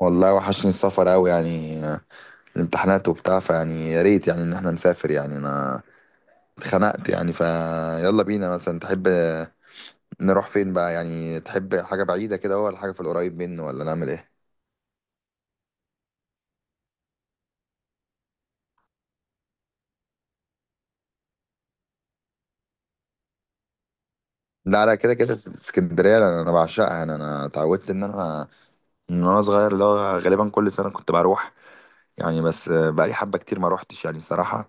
والله وحشني السفر أوي يعني الامتحانات وبتاع فيعني يا ريت يعني إن احنا نسافر يعني أنا اتخنقت يعني فيلا بينا مثلا. تحب نروح فين بقى؟ يعني تحب حاجة بعيدة كده ولا حاجة في القريب منه ولا نعمل إيه؟ لا لا، كده كده اسكندرية أنا بعشقها. أنا اتعودت إن أنا من وأنا صغير اللي هو غالبا كل سنة كنت بروح يعني. بس بقالي حبة كتير ما روحتش يعني الصراحة.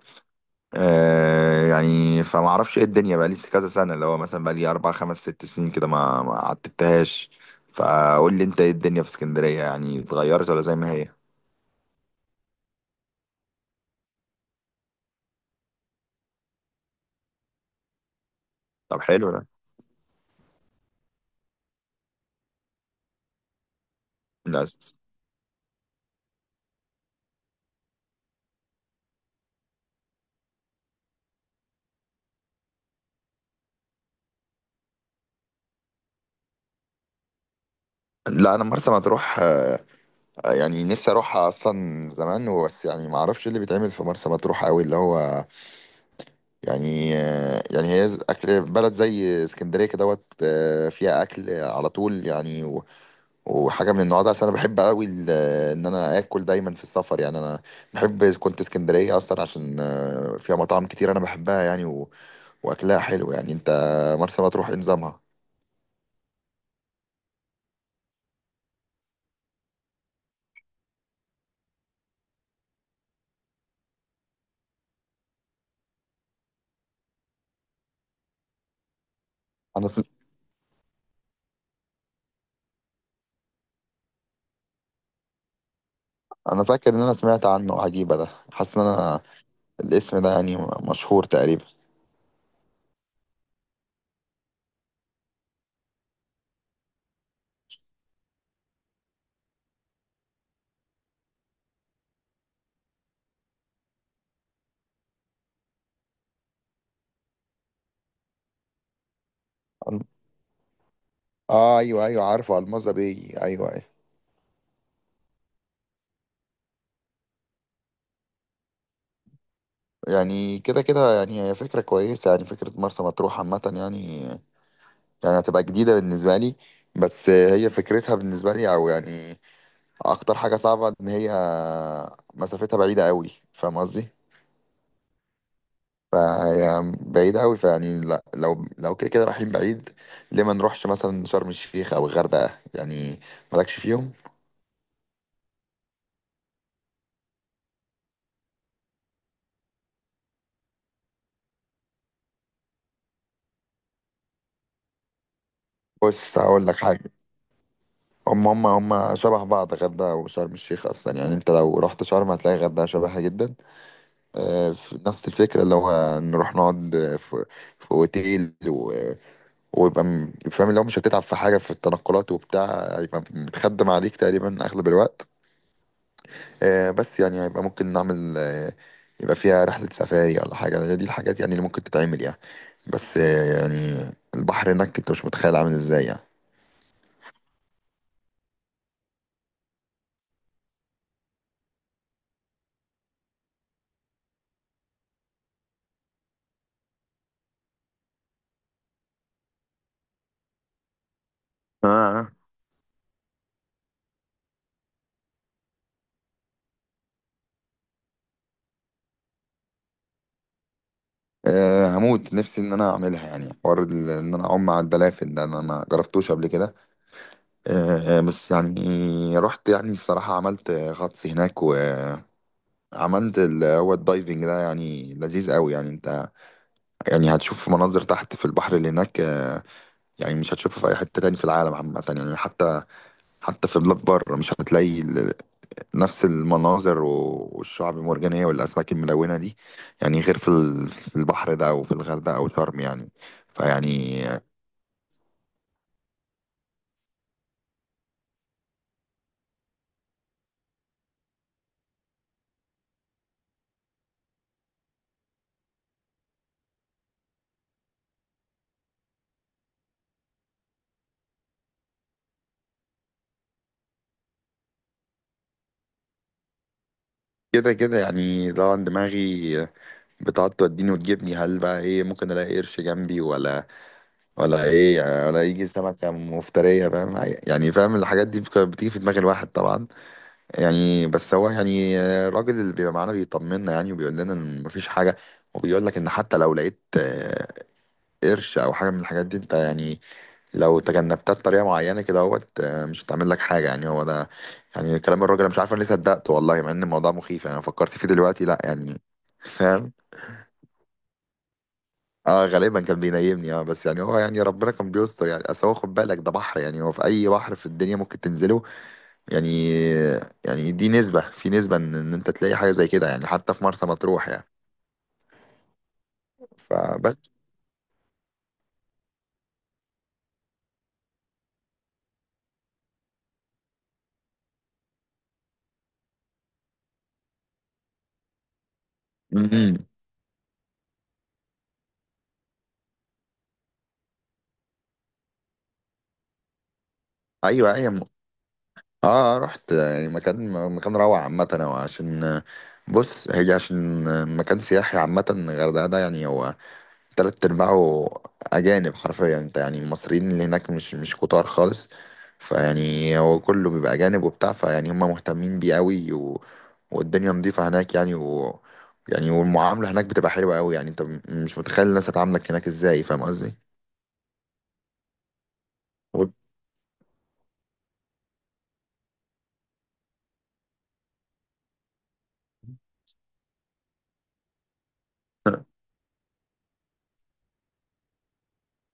يعني فما اعرفش ايه الدنيا، بقى لي كذا سنه، اللي هو مثلا بقى لي اربع خمس ست سنين كده ما عتبتهاش. فقول لي انت ايه الدنيا في اسكندريه، يعني اتغيرت ولا زي ما هي؟ طب حلو ده. لا لا، انا مرسى مطروح، يعني نفسي اروحها اصلا زمان وبس، يعني ما اعرفش إيه اللي بيتعمل في مرسى مطروح قوي، اللي هو يعني يعني هي اكل بلد زي اسكندريه كده دوت، فيها اكل على طول يعني، وحاجه من النوع ده، عشان انا بحب قوي ان انا اكل دايما في السفر يعني. انا بحب كنت اسكندريه اصلا عشان فيها مطاعم كتير انا بحبها يعني، واكلها حلو يعني. انت مرسى مطروح ايه نظامها؟ انا سم... انا فاكر ان انا سمعت عنه، عجيبه ده، حاسس ان انا الاسم ده يعني مشهور تقريبا. أل- اه ايوه ايوه، عارفه الماظة بي، ايوه ايوه. يعني كده كده يعني هي فكرة كويسة، يعني فكرة مرسى مطروح عامة يعني، يعني هتبقى جديدة بالنسبة لي. بس هي فكرتها بالنسبة لي أو يعني اكتر حاجه صعبه ان هي مسافتها بعيده قوي، فاهم قصدي؟ فهي بعيده قوي، فيعني لا، لو كده كده رايحين بعيد، ليه ما نروحش مثلا شرم الشيخ او الغردقه يعني؟ مالكش فيهم؟ بص هقول لك حاجه. هم هم هم شبه بعض، غردقه وشرم الشيخ، اصلا يعني انت لو رحت شرم هتلاقي غردقه شبهها جدا. في نفس الفكره، اللي هو نروح نقعد في في اوتيل، ويبقى فاهم اللي هو مش هتتعب في حاجة في التنقلات وبتاع، هيبقى متخدم عليك تقريبا أغلب الوقت. بس يعني هيبقى ممكن نعمل يبقى فيها رحلة سفاري ولا حاجة، هي دي الحاجات يعني اللي ممكن تتعمل يعني. بس يعني البحر هناك أنت مش متخيل عامل إزاي يعني. اه هموت نفسي ان انا اعملها يعني، حوار ان انا اعوم مع الدلافين ده، انا ما جربتوش قبل كده. بس يعني رحت، يعني الصراحه عملت غطس هناك، وعملت اللي هو الدايفنج ده، يعني لذيذ قوي يعني. انت يعني هتشوف مناظر تحت في البحر اللي هناك، يعني مش هتشوفها في اي حته تاني في العالم عامه يعني، حتى في بلاد بره مش هتلاقي نفس المناظر والشعب المرجانيه والاسماك الملونه دي يعني، غير في في البحر ده او في الغردقه او شرم يعني. فيعني كده كده يعني لو عن دماغي بتقعد توديني وتجيبني، هل بقى ايه؟ ممكن الاقي قرش جنبي ولا ولا ايه يعني، ولا يجي سمكه مفتريه، فاهم؟ يعني فاهم الحاجات دي بتيجي في دماغ الواحد طبعا يعني. بس هو يعني الراجل اللي بيبقى معانا بيطمنا يعني، وبيقول لنا ان مفيش حاجه، وبيقول لك ان حتى لو لقيت قرش او حاجه من الحاجات دي، انت يعني لو تجنبتها بطريقه معينه كده اهوت، مش هتعمل لك حاجه يعني، هو ده يعني كلام الراجل. انا مش عارف انا ليه صدقته والله، مع ان الموضوع مخيف، يعني انا فكرت فيه دلوقتي، لا يعني فاهم. اه غالبا كان بينيمني اه، بس يعني هو يعني ربنا كان بيستر يعني، اصل هو خد بالك ده بحر، يعني هو في اي بحر في الدنيا ممكن تنزله يعني، يعني دي نسبة في نسبة ان إن انت تلاقي حاجة زي كده يعني، حتى في مرسى مطروح يعني. فبس. امم، ايوه ايوه. اه رحت يعني، مكان مكان روعة عامة هو، عشان بص هي عشان مكان سياحي عامة الغردقة ده. يعني هو تلات أرباعه أجانب حرفيا، انت يعني المصريين اللي هناك مش كتار خالص. فيعني هو كله بيبقى أجانب وبتاع، فيعني هم مهتمين بيه أوي، والدنيا نظيفة هناك يعني، و... يعني والمعاملة هناك بتبقى حلوة أوي يعني، انت مش متخيل الناس هتعاملك هناك ازاي، فاهم قصدي؟ و-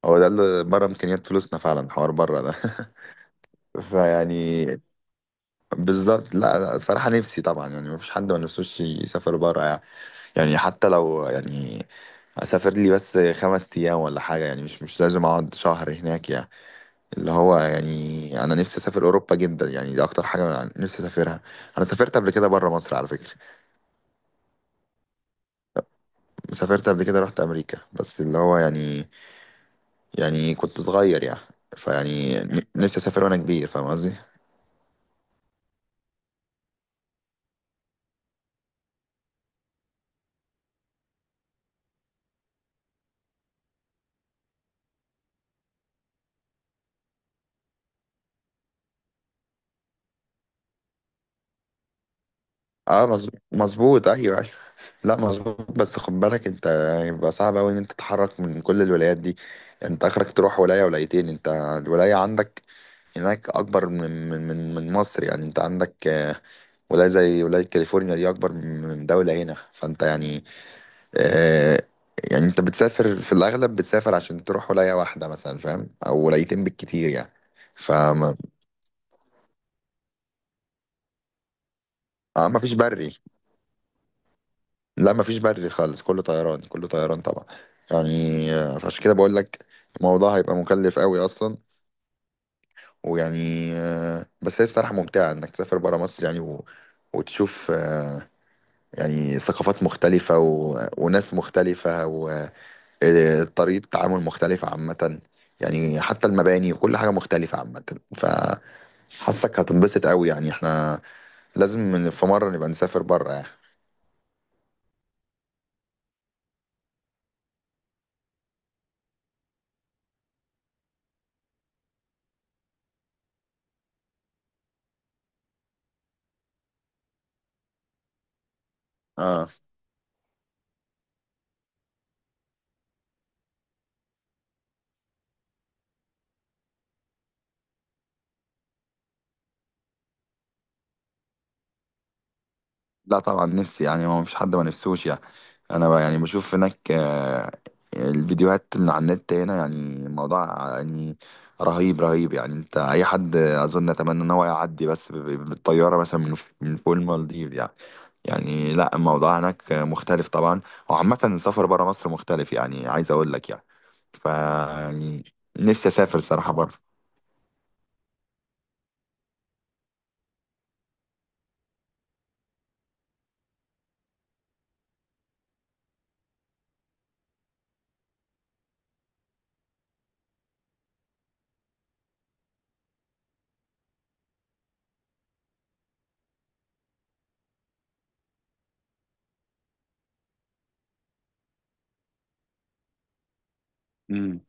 هو ده اللي بره إمكانيات فلوسنا فعلا، حوار بره ده. فيعني بالظبط. لا لا، صراحة نفسي طبعا، يعني مفيش حد ما نفسوش يسافر بره يعني، يعني حتى لو يعني اسافر لي بس 5 ايام ولا حاجه يعني، مش لازم اقعد شهر هناك يعني. اللي هو يعني انا نفسي اسافر اوروبا جدا يعني، دي اكتر حاجه نفسي اسافرها. انا سافرت قبل كده بره مصر على فكره، سافرت قبل كده رحت امريكا، بس اللي هو يعني، يعني كنت صغير يعني، فيعني نفسي اسافر وانا كبير، فاهم قصدي؟ اه مظبوط، ايوه أيوه. لا مظبوط، بس خد بالك انت هيبقى صعب قوي ان انت تتحرك من كل الولايات دي، يعني انت اخرك تروح ولاية ولايتين. انت الولاية عندك هناك اكبر من مصر، يعني انت عندك ولاية زي ولاية كاليفورنيا دي اكبر من دولة هنا، فانت يعني آه، يعني انت بتسافر في الاغلب، بتسافر عشان تروح ولاية واحدة مثلا، فاهم، او ولايتين بالكتير يعني. فما ما فيش بري؟ لا مفيش بري خالص، كله طيران كله طيران طبعا يعني، فعشان كده بقول لك الموضوع هيبقى مكلف قوي اصلا، ويعني بس هي الصراحه ممتعه انك تسافر برا مصر يعني، وتشوف يعني ثقافات مختلفه وناس مختلفه، وطريقه تعامل مختلفه عامه، يعني حتى المباني وكل حاجه مختلفه عامه، فحاسك هتنبسط قوي. يعني احنا لازم في مره نبقى نسافر برا يعني. اه لا طبعا نفسي، يعني هو مفيش حد ما نفسوش يعني. انا بقى يعني بشوف هناك الفيديوهات من على النت، هنا يعني الموضوع يعني رهيب رهيب يعني، انت اي حد اظن اتمنى ان هو يعدي بس بالطياره مثلا من من فوق المالديف يعني. يعني لا، الموضوع هناك مختلف طبعا، وعامه السفر بره مصر مختلف يعني، عايز اقول لك يعني، ف يعني نفسي اسافر صراحه بره. امم،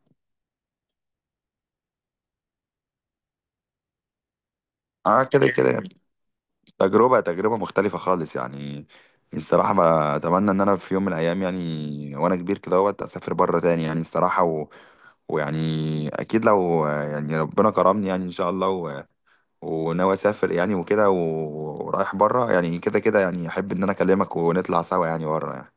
اه كده كده يعني. تجربة تجربة مختلفة خالص يعني، الصراحة ما أتمنى إن أنا في يوم من الأيام يعني وأنا كبير كده، وقت أسافر بره تاني يعني الصراحة، ويعني أكيد لو يعني ربنا كرمني يعني إن شاء الله، وناوي أسافر يعني وكده، ورايح بره يعني، كده كده يعني أحب إن أنا أكلمك ونطلع سوا يعني بره يعني.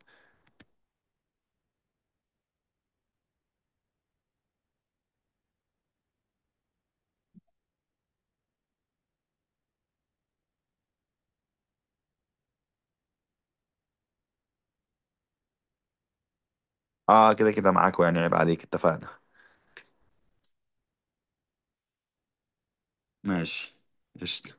آه كده كده معاك يعني، عيب عليك، اتفقنا. ماشي. قشطة.